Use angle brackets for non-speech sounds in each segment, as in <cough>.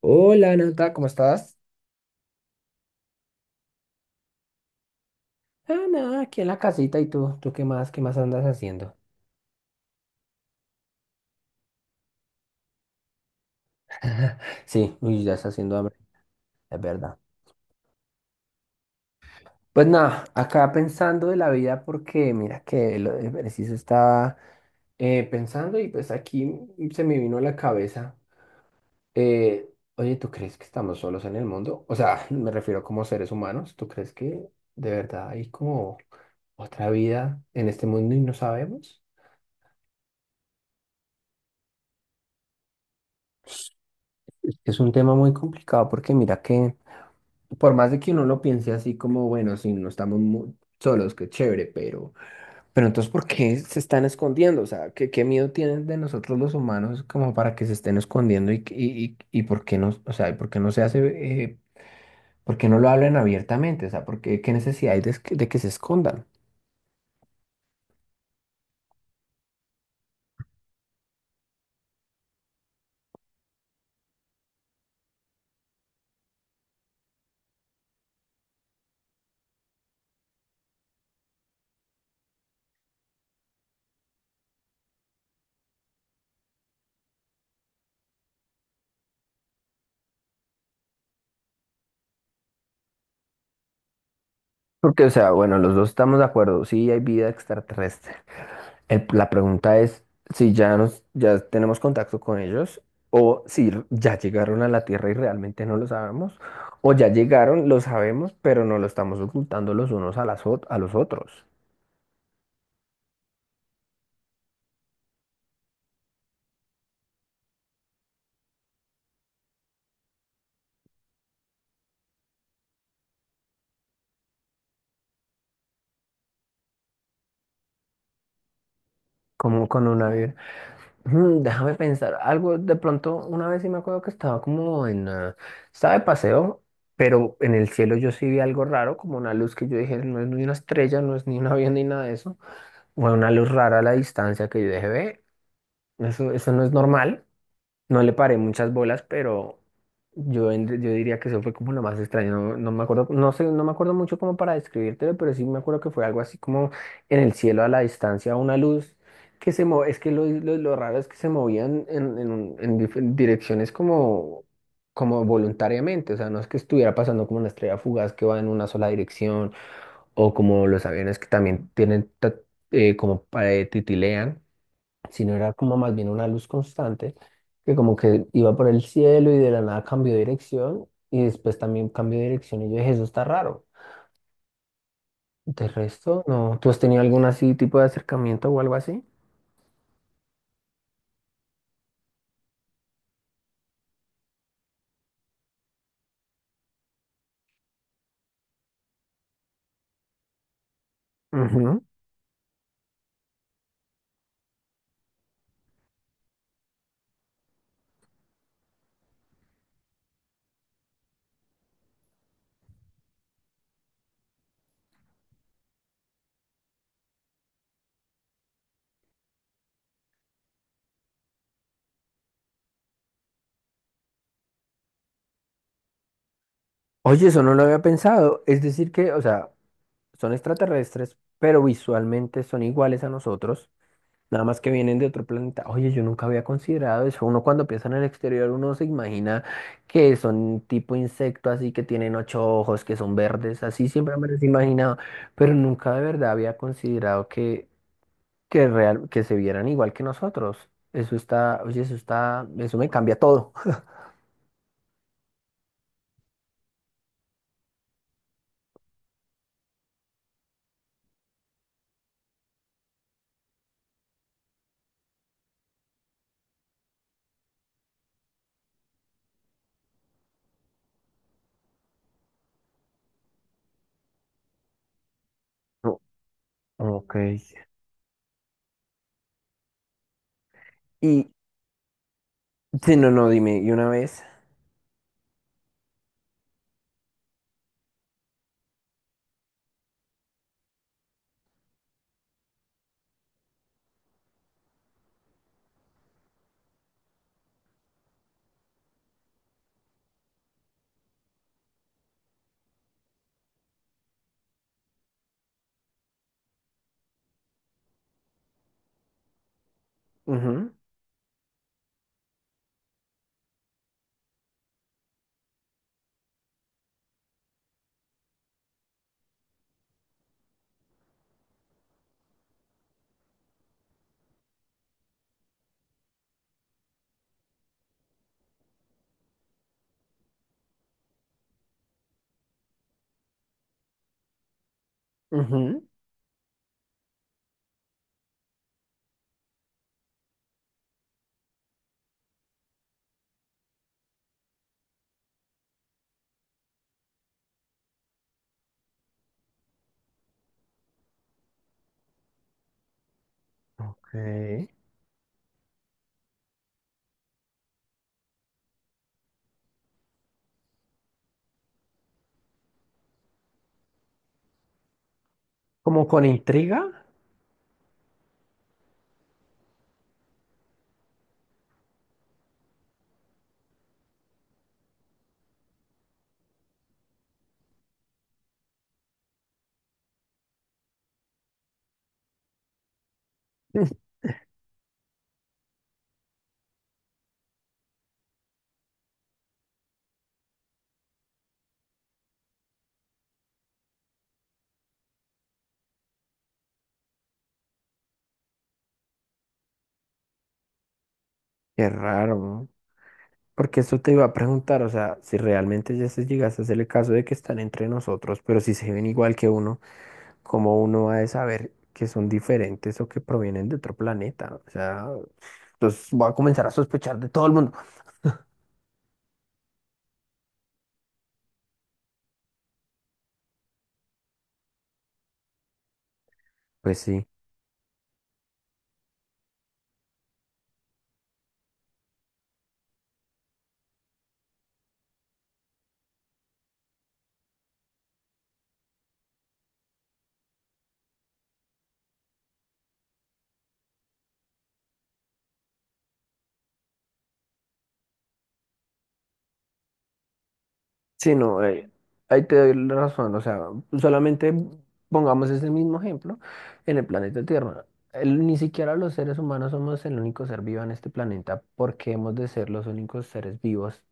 Hola, Nata, ¿cómo estás? Ah, nada, aquí en la casita. ¿Y tú? ¿Tú qué más? ¿Qué más andas haciendo? <laughs> Sí, uy, ya está haciendo hambre, es verdad. Pues nada, acá pensando de la vida porque mira que lo de preciso estaba, pensando, y pues aquí se me vino a la cabeza. eh, Oye, ¿tú crees que estamos solos en el mundo? O sea, <laughs> me refiero como seres humanos. ¿Tú crees que de verdad hay como otra vida en este mundo y no sabemos? Es un tema muy complicado porque mira que por más de que uno lo piense así como, bueno, sí, no estamos solos, qué chévere, pero entonces, ¿por qué se están escondiendo? O sea, ¿qué, miedo tienen de nosotros los humanos como para que se estén escondiendo, y por qué no, o sea, ¿y por qué no se hace, eh, por qué no lo hablan abiertamente? O sea, ¿por qué, qué necesidad hay de que se escondan? Porque, o sea, bueno, los dos estamos de acuerdo, sí hay vida extraterrestre. La pregunta es si ya tenemos contacto con ellos, o si ya llegaron a la Tierra y realmente no lo sabemos, o ya llegaron, lo sabemos, pero no lo estamos ocultando los unos a a los otros. Como con una... vi- Déjame pensar algo. De pronto, una vez sí me acuerdo que estaba de paseo, pero en el cielo yo sí vi algo raro, como una luz que yo dije, no es ni una estrella, no es ni un avión ni nada de eso. Fue una luz rara a la distancia que yo dije, ve, eso no es normal. No le paré muchas bolas, pero yo diría que eso fue como lo más extraño. No, no me acuerdo, no sé, no me acuerdo mucho como para describírtelo, pero sí me acuerdo que fue algo así como en el cielo a la distancia, una luz que es que lo, raro es que se movían en direcciones como voluntariamente. O sea, no es que estuviera pasando como una estrella fugaz que va en una sola dirección, o como los aviones, que también tienen como, titilean, sino era como más bien una luz constante, que como que iba por el cielo y de la nada cambió de dirección, y después también cambió de dirección, y yo dije, eso está raro. De resto, no. ¿Tú has tenido algún así tipo de acercamiento o algo así? Ujú. Oye, eso no lo había pensado. Es decir que, o sea, son extraterrestres, pero visualmente son iguales a nosotros. Nada más que vienen de otro planeta. Oye, yo nunca había considerado eso. Uno cuando piensa en el exterior, uno se imagina que son tipo insecto, así que tienen ocho ojos, que son verdes, así siempre me los he imaginado. Pero nunca de verdad había considerado que, real, que se vieran igual que nosotros. Eso está, oye, eso está, eso me cambia todo. <laughs> No. Ok. Y, sí, no, no, dime, y una vez. Ujú. Ujú. Ok. Como con intriga. <laughs> Qué raro, ¿no? Porque eso te iba a preguntar, o sea, si realmente ya se llegase a hacer el caso de que están entre nosotros, pero si se ven igual que uno, ¿cómo uno va a saber que son diferentes o que provienen de otro planeta? O sea, entonces voy a comenzar a sospechar de todo el mundo. Pues sí. Sí, no, ahí te doy la razón. O sea, solamente pongamos ese mismo ejemplo en el planeta Tierra. Ni siquiera los seres humanos somos el único ser vivo en este planeta, porque hemos de ser los únicos seres vivos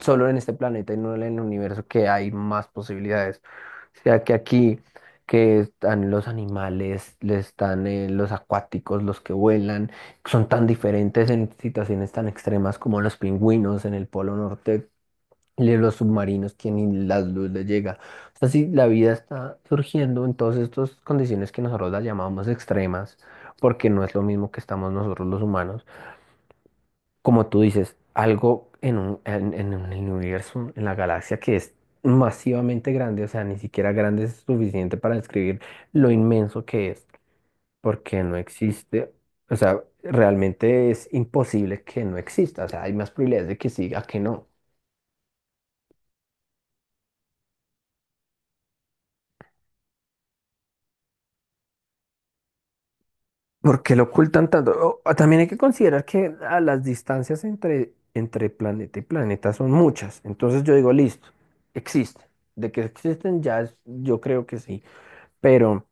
solo en este planeta y no en el universo, que hay más posibilidades. O sea, que aquí que están los animales, le están, los acuáticos, los que vuelan, son tan diferentes en situaciones tan extremas como los pingüinos en el Polo Norte, y los submarinos que ni la luz les llega. O sea, si la vida está surgiendo en todas estas condiciones que nosotros las llamamos extremas, porque no es lo mismo que estamos nosotros los humanos, como tú dices, algo en un, en el universo, en la galaxia, que es masivamente grande, o sea, ni siquiera grande es suficiente para describir lo inmenso que es, porque no existe, o sea, realmente es imposible que no exista, o sea, hay más probabilidades de que sí a que no. ¿Por qué lo ocultan tanto? También hay que considerar que, las distancias entre planeta y planeta son muchas, entonces yo digo, listo, existe. De que existen ya, yo creo que sí, pero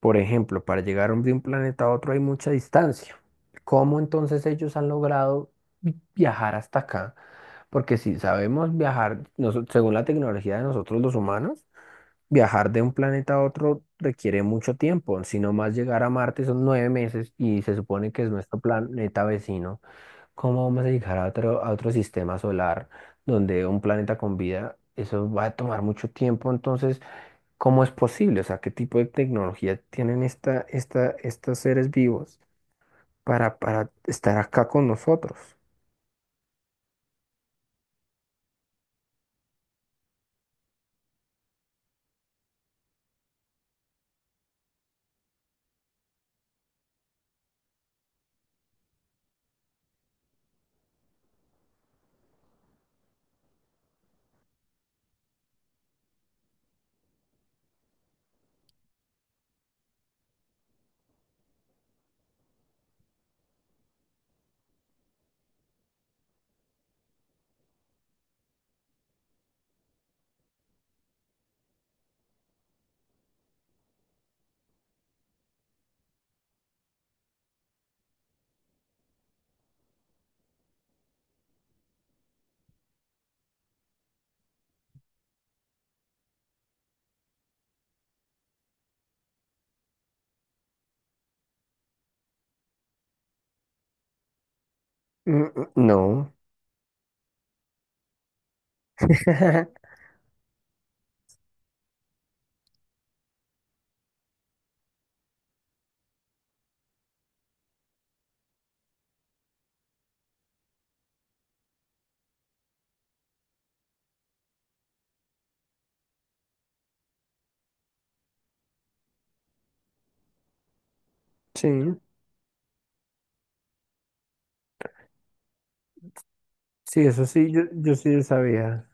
por ejemplo, para llegar de un planeta a otro hay mucha distancia. ¿Cómo entonces ellos han logrado viajar hasta acá? Porque si sabemos viajar, según la tecnología de nosotros los humanos, viajar de un planeta a otro requiere mucho tiempo. Si no, más llegar a Marte son 9 meses, y se supone que es nuestro planeta vecino. ¿Cómo vamos a llegar a otro sistema solar, donde un planeta con vida, eso va a tomar mucho tiempo? Entonces, ¿cómo es posible? O sea, ¿qué tipo de tecnología tienen estos seres vivos, para, estar acá con nosotros? Mm. No. <laughs> Sí, sí, eso sí, yo sí sabía.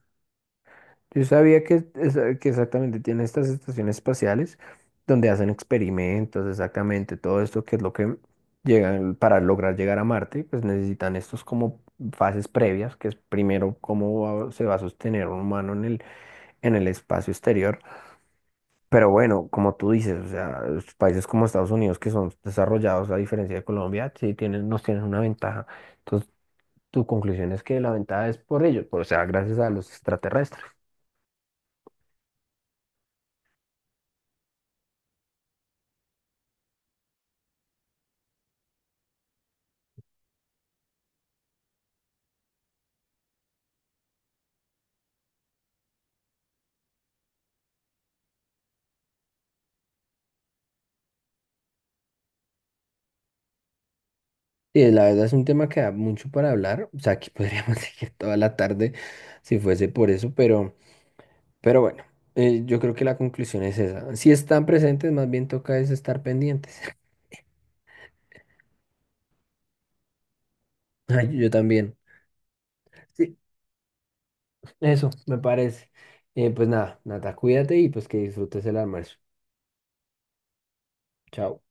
Yo sabía que exactamente tiene estas estaciones espaciales donde hacen experimentos, exactamente todo esto que es lo que llegan, para lograr llegar a Marte, pues necesitan estos como fases previas, que es primero cómo se va a sostener un humano en el espacio exterior. Pero bueno, como tú dices, o sea, los países como Estados Unidos, que son desarrollados a diferencia de Colombia, sí tienen, nos tienen una ventaja. Entonces, tu conclusión es que la ventaja es por ellos, o sea, gracias a los extraterrestres. Sí, la verdad es un tema que da mucho para hablar. O sea, aquí podríamos <laughs> seguir toda la tarde si fuese por eso, pero, bueno, yo creo que la conclusión es esa. Si están presentes, más bien toca es estar pendientes. <laughs> Ay, yo también. Sí, eso me parece. Pues nada, Nata, cuídate y pues que disfrutes el almuerzo. Chao.